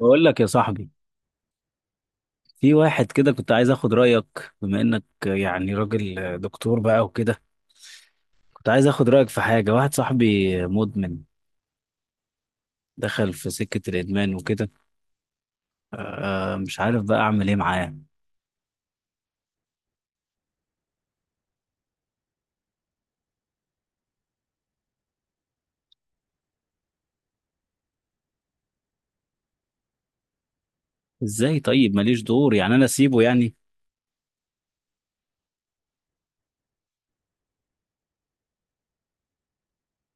بقول لك يا صاحبي، في واحد كده كنت عايز اخد رايك بما انك يعني راجل دكتور بقى وكده. كنت عايز اخد رايك في حاجه. واحد صاحبي مدمن، دخل في سكه الادمان وكده. مش عارف بقى اعمل ايه معاه. ازاي طيب ماليش دور؟ يعني انا اسيبه يعني.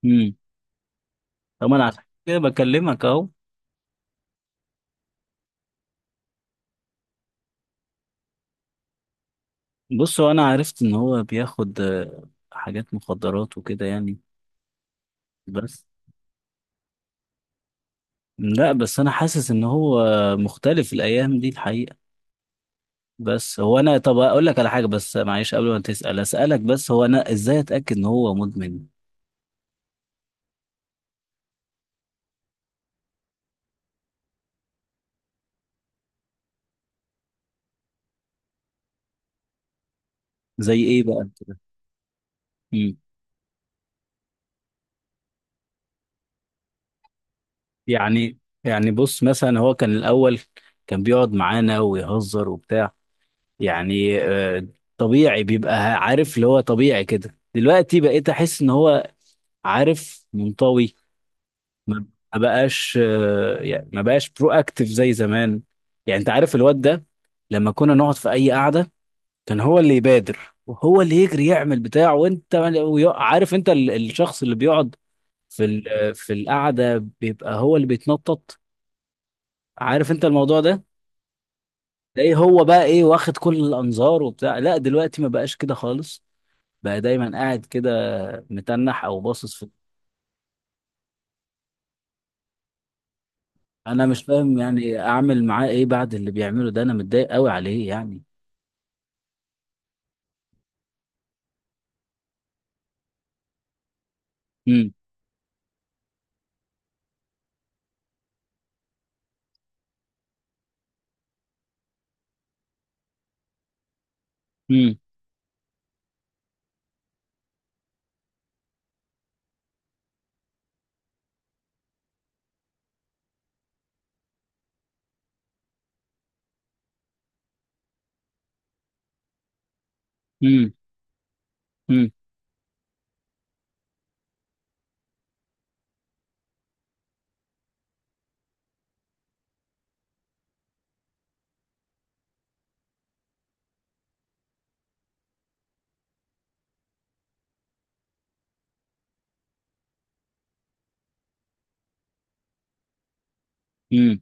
امم طب انا عشان كده بكلمك اهو. بص، هو انا عرفت ان هو بياخد حاجات مخدرات وكده يعني. بس. لا بس انا حاسس ان هو مختلف الايام دي الحقيقه. بس هو انا، طب اقول لك على حاجه، بس معلش قبل ما تسال، اسالك بس هو انا ازاي اتاكد ان هو مدمن؟ زي ايه بقى كده؟ مم. يعني، يعني بص مثلا هو كان الاول، كان بيقعد معانا ويهزر وبتاع، يعني طبيعي، بيبقى عارف اللي هو طبيعي كده. دلوقتي بقيت احس ان هو، عارف، منطوي. ما ما بقاش يعني ما بقاش برو اكتف زي زمان. يعني انت عارف الواد ده، لما كنا نقعد في اي قعده كان هو اللي يبادر وهو اللي يجري يعمل بتاعه. وانت عارف، انت الشخص اللي بيقعد في القعده بيبقى هو اللي بيتنطط. عارف انت الموضوع ده؟ تلاقيه هو بقى ايه، واخد كل الانظار وبتاع. لا دلوقتي ما بقاش كده خالص. بقى دايما قاعد كده متنح او باصص في. انا مش فاهم يعني اعمل معاه ايه بعد اللي بيعمله ده، انا متضايق قوي عليه يعني. امم. امم. امم. امم. امم،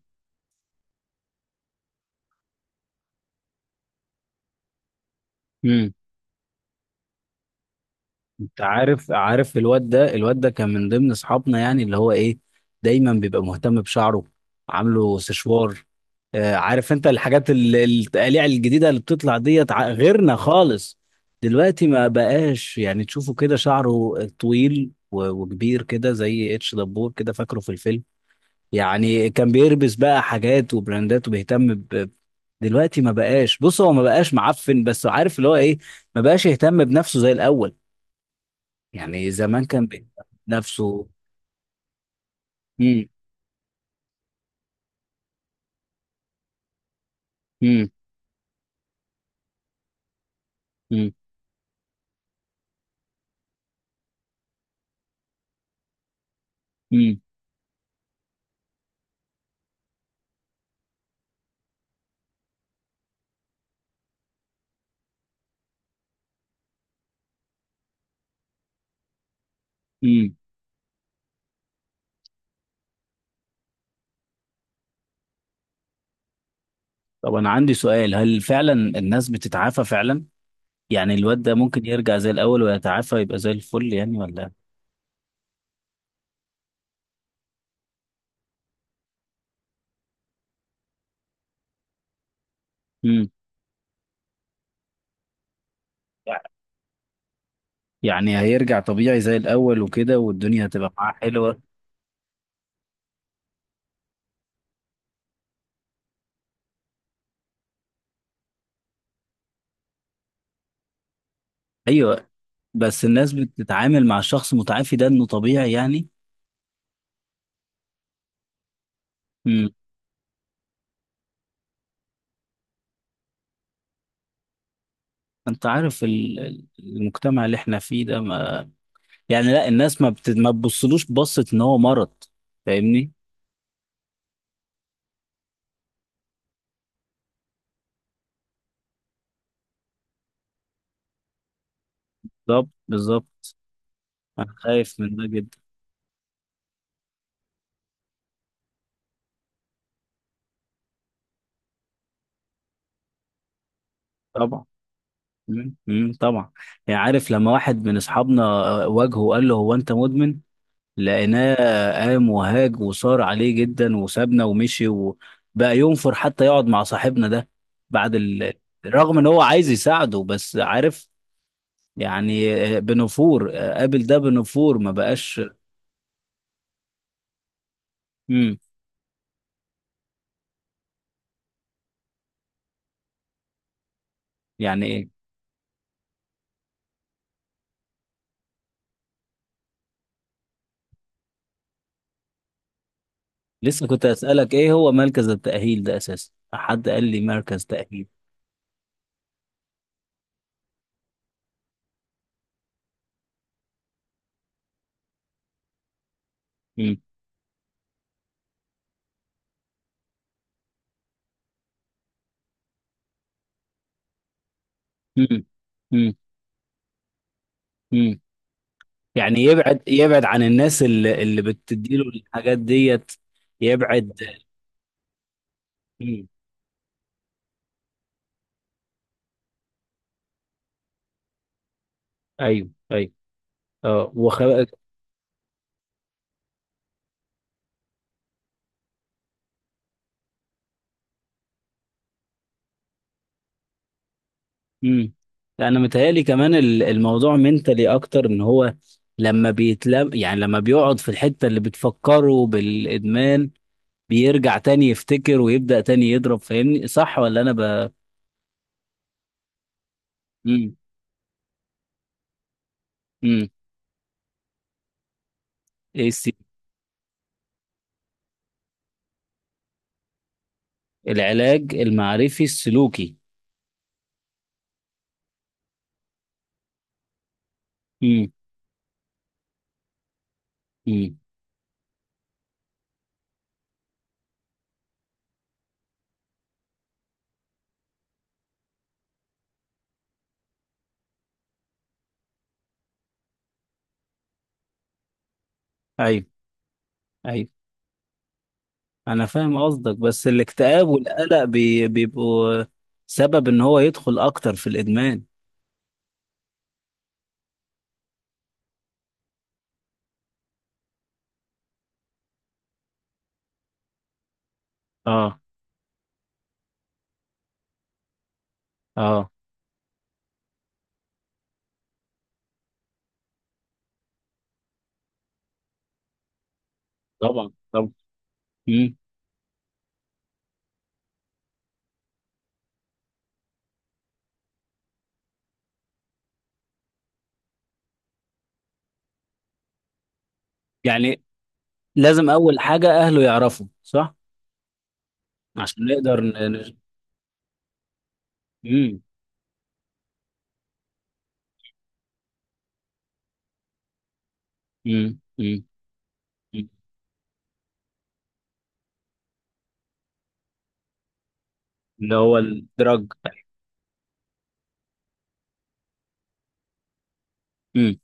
امم. انت عارف الواد ده كان من ضمن اصحابنا يعني، اللي هو ايه، دايما بيبقى مهتم بشعره، عامله سشوار. عارف انت الحاجات التقاليع الجديده اللي بتطلع ديت، غيرنا خالص. دلوقتي ما بقاش يعني. تشوفه كده شعره طويل وكبير كده زي اتش دبور كده، فاكره في الفيلم؟ يعني كان بيلبس بقى حاجات وبراندات وبيهتم ب... دلوقتي ما بقاش. بص هو ما بقاش معفن، بس عارف اللي هو ايه، ما بقاش يهتم بنفسه زي الاول. يعني زمان كان بيهتم بنفسه. مم. مم. مم. مم. مم. طب انا عندي سؤال، هل فعلا الناس بتتعافى فعلا؟ يعني الواد ده ممكن يرجع زي الاول ويتعافى يبقى زي الفل يعني ولا؟ مم. يعني هيرجع طبيعي زي الاول وكده والدنيا هتبقى معاه حلوة؟ ايوه. بس الناس بتتعامل مع الشخص المتعافي ده انه طبيعي يعني؟ مم. انت عارف المجتمع اللي احنا فيه ده ما، يعني لا الناس ما بتبصلوش بصة ان هو مرض. فاهمني؟ بالظبط بالظبط. انا خايف من ده جدا. طبعا. مم. مم. طبعا. يعني عارف لما واحد من اصحابنا واجهه وقال له هو انت مدمن، لقيناه قام وهاج وصار عليه جدا وسابنا ومشي وبقى ينفر حتى يقعد مع صاحبنا ده بعد ال... رغم ان هو عايز يساعده. بس عارف، يعني بنفور. قابل ده بنفور، ما بقاش. مم. يعني ايه؟ لسه كنت اسالك، ايه هو مركز التاهيل ده اساسا؟ حد قال لي مركز تاهيل. مم. مم. مم. مم. يعني يبعد، يبعد عن الناس اللي بتديله الحاجات ديت. يبعد. مم. ايوه ايوه. اه. مم. لا، انا متهيألي كمان الموضوع منتلي اكتر ان هو، لما بيتلم يعني لما بيقعد في الحتة اللي بتفكره بالادمان، بيرجع تاني يفتكر ويبدأ تاني يضرب. فاهمني؟ صح ولا انا ب مم. مم. إيه العلاج المعرفي السلوكي. مم. مم. ايوه ايوه. انا فاهم قصدك، بس الاكتئاب والقلق بيبقوا سبب ان هو يدخل اكتر في الادمان. اه اه. طبعا طبعا. مم. يعني لازم اول حاجة اهله يعرفوا، صح؟ عشان نقدر مم. مم. مم. مم. اللي هو الدرج. مم.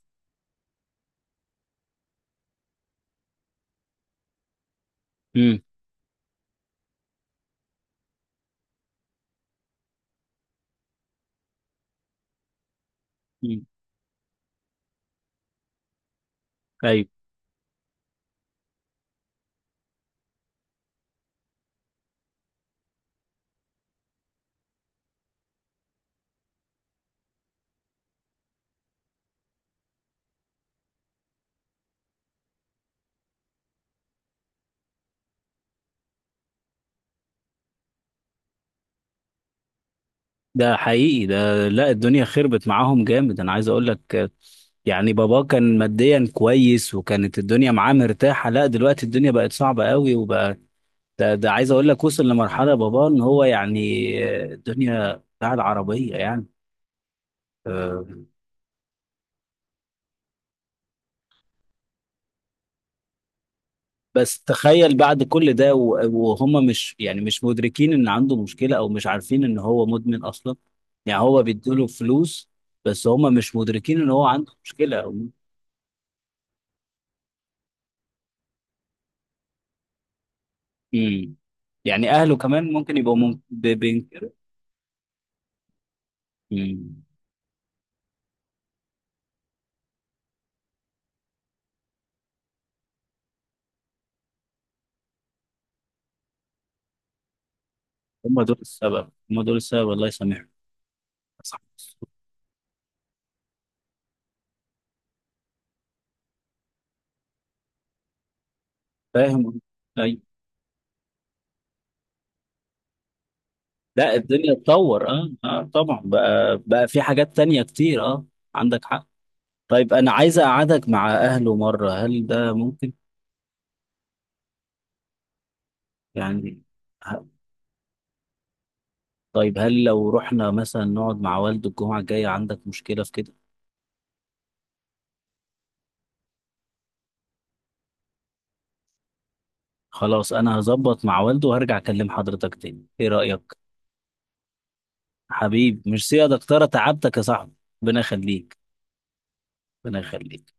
مم. مم. ايوه. ده حقيقي ده. لا الدنيا خربت معاهم جامد، انا عايز اقول لك يعني بابا كان ماديا كويس وكانت الدنيا معاه مرتاحة. لا دلوقتي الدنيا بقت صعبة قوي وبقى، ده عايز اقول لك، وصل لمرحله بابا ان هو يعني الدنيا بتاع العربيه يعني. آه، بس تخيل بعد كل ده وهم مش يعني مش مدركين ان عنده مشكله او مش عارفين ان هو مدمن اصلا. يعني هو بيديله فلوس، بس هم مش مدركين ان هو عنده مشكله أو... مم. يعني اهله كمان ممكن يبقوا بينكروا. مم. هم دول السبب، هم دول السبب. الله يسامحهم. صح. فاهم. أي. لا الدنيا اتطور، اه اه طبعا، بقى بقى في حاجات تانية كتير. اه. عندك حق. طيب انا عايز اقعدك مع اهله مرة، هل ده ممكن؟ يعني ه- طيب هل لو رحنا مثلا نقعد مع والده الجمعة الجاية عندك مشكلة في كده؟ خلاص انا هظبط مع والده وهرجع اكلم حضرتك تاني، ايه رأيك؟ حبيب، ميرسي يا دكتورة، تعبتك يا صاحبي. ربنا يخليك. ربنا يخليك.